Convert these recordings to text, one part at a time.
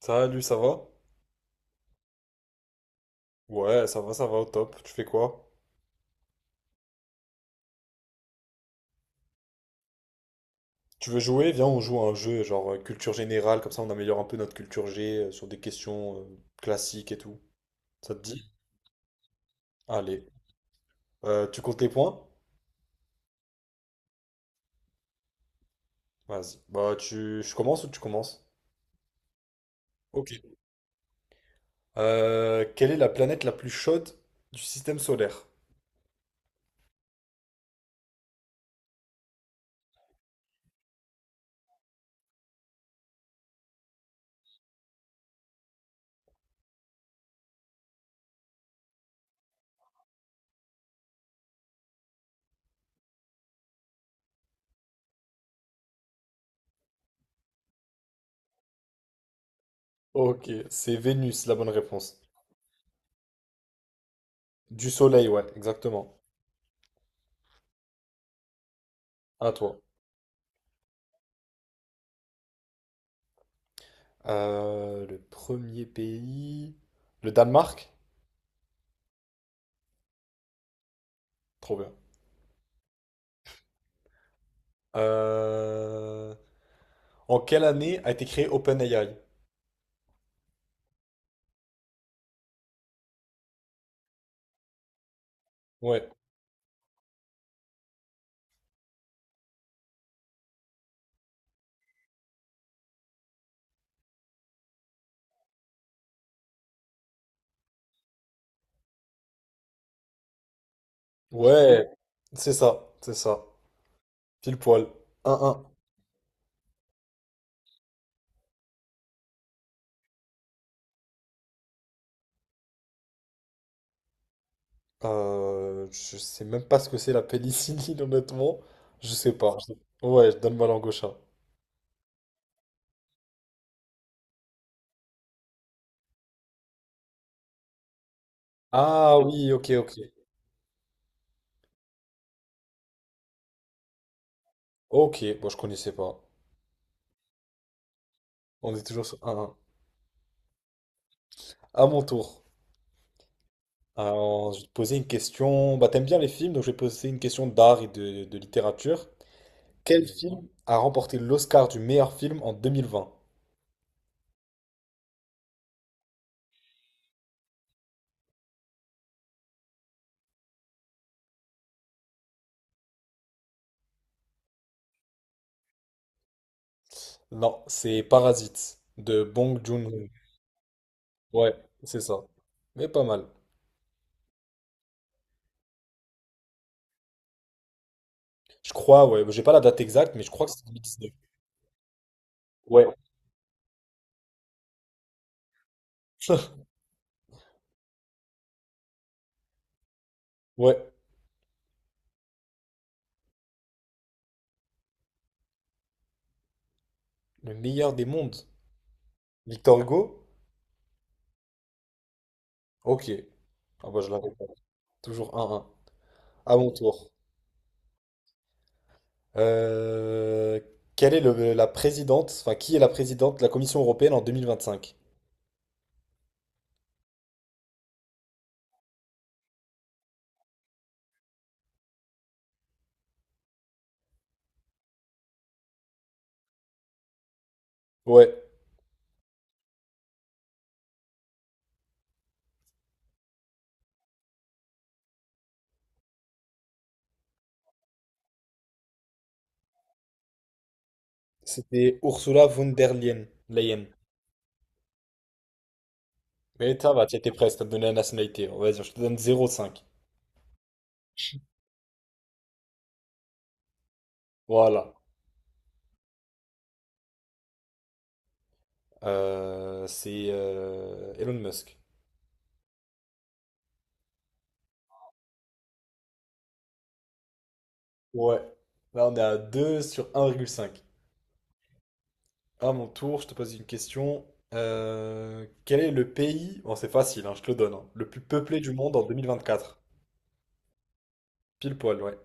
Salut, ça va? Ouais, ça va, au top. Tu fais quoi? Tu veux jouer? Viens, on joue à un jeu genre culture générale, comme ça on améliore un peu notre culture G sur des questions classiques et tout. Ça te dit? Allez. Tu comptes les points? Vas-y. Bah, je commence ou tu commences? Ok. Quelle est la planète la plus chaude du système solaire? Ok, c'est Vénus, la bonne réponse. Du Soleil, ouais, exactement. À toi. Le premier pays... Le Danemark? Trop bien. Euh, En quelle année a été créé OpenAI? Ouais. Ouais, c'est ça, c'est ça. Pile poil. Un un. Je sais même pas ce que c'est la pénicilline, honnêtement. Je sais pas. Ouais, je donne ma langue au chat. Ah oui, ok, ok. Ok, bon, je connaissais pas. On est toujours sur 1-1. À mon tour. Alors, je vais te poser une question. Bah, t'aimes bien les films, donc je vais te poser une question d'art et de littérature. Quel film a remporté l'Oscar du meilleur film en 2020? Non, c'est Parasite de Bong Joon-ho. Ouais, c'est ça. Mais pas mal. Je crois, ouais, j'ai pas la date exacte, mais je crois que c'est 2019. Ouais. Ouais, le meilleur des mondes. Victor Hugo? Ok. Ah bah je l'avais pas. Toujours 1-1. À mon tour. Euh, Quelle est la présidente, enfin qui est la présidente de la Commission européenne en 2025? Ouais, c'était Ursula von der Leyen. Leyen. Mais ça va, tu étais presque, t'as donné la nationalité. On va dire, je te donne 0,5. Voilà. C'est Elon Musk. Ouais. Là, on est à 2 sur 1,5. À mon tour, je te pose une question. Quel est le pays, bon, c'est facile, hein, je te le donne, hein, le plus peuplé du monde en 2024? Pile poil, ouais.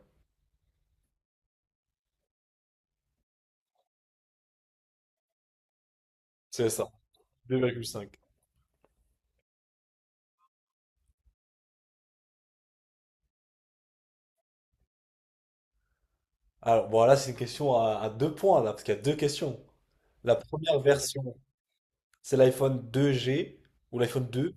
C'est ça, 2,5. Alors, bon, là, c'est une question à deux points, là, parce qu'il y a deux questions. La première version, c'est l'iPhone deux g ou l'iPhone deux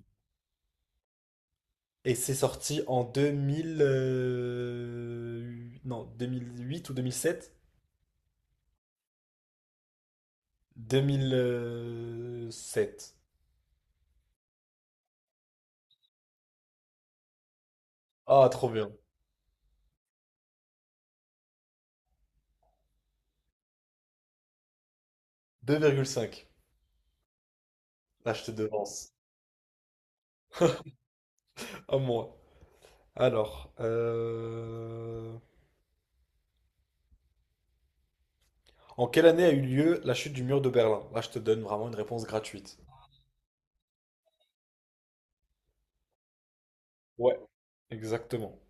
et c'est sorti en 2000, non, 2008 ou deux mille sept. 2007. Ah, trop bien. 2,5. Là, je te devance. À moi. Alors, en quelle année a eu lieu la chute du mur de Berlin? Là, je te donne vraiment une réponse gratuite. Ouais, exactement.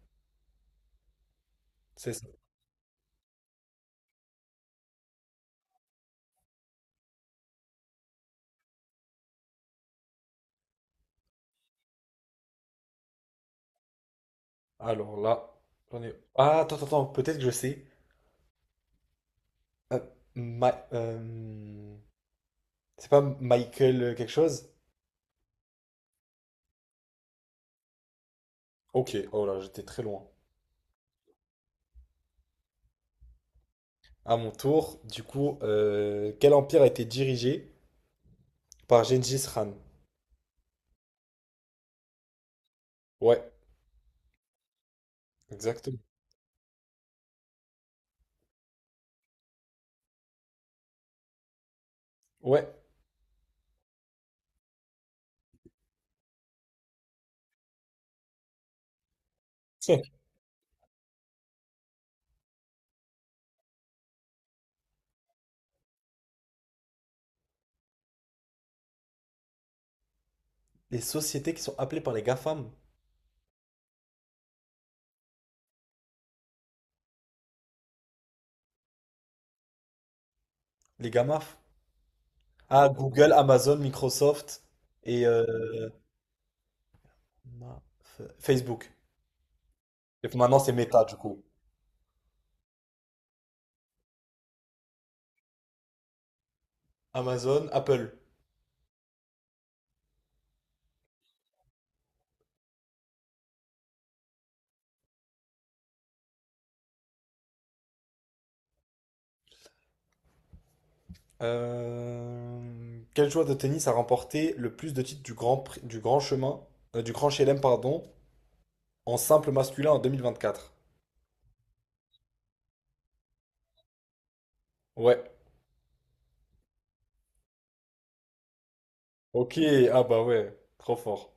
C'est ça. Alors là, j'en ai... Ah, attends, attends, attends, peut-être que je sais. Euh, Ma- euh, C'est pas Michael quelque chose? Ok, oh là, j'étais très loin. À mon tour, du coup, quel empire a été dirigé par Gengis Khan? Ouais. Exactement. Ouais. Les sociétés qui sont appelées par les GAFAM, les GAMAF. Ah, Google, Amazon, Microsoft et Ma- Facebook. Et maintenant, c'est Meta, du coup. Amazon, Apple. Quel joueur de tennis a remporté le plus de titres du Grand, Prix- du Grand Chemin, du Grand Chelem, pardon, en simple masculin en 2024? Ouais. Ok, ah bah ouais, trop fort.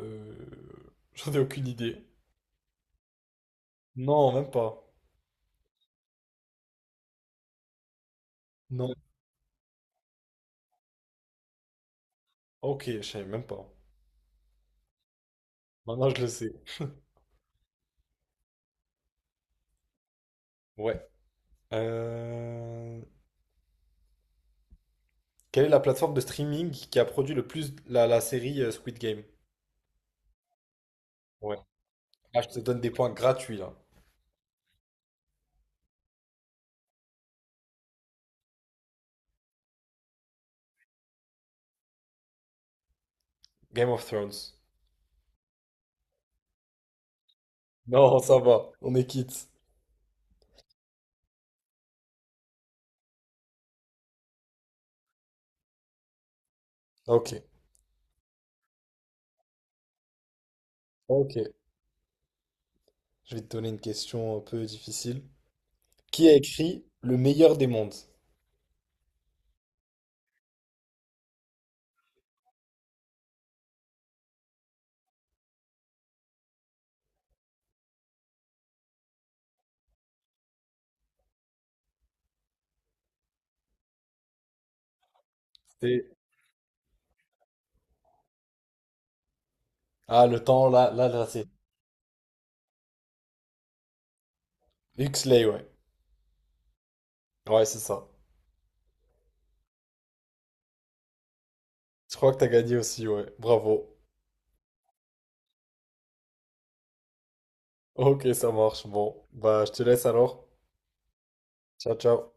Euh, J'en ai aucune idée. Non, même pas. Non. Ok, je savais même pas. Maintenant, je le sais. Ouais. Euh, Quelle est la plateforme de streaming qui a produit le plus la série Squid Game? Ouais. Là, je te donne des points gratuits, là. Game of Thrones. Non, ça va. On est quitte. Ok. Ok. Je vais te donner une question un peu difficile. Qui a écrit Le meilleur des mondes? C'est... Ah, le temps, là, là, là. Huxley, ouais. Ouais, c'est ça. Je crois que t'as gagné aussi, ouais. Bravo. Ok, ça marche. Bon. Bah, je te laisse alors. Ciao, ciao.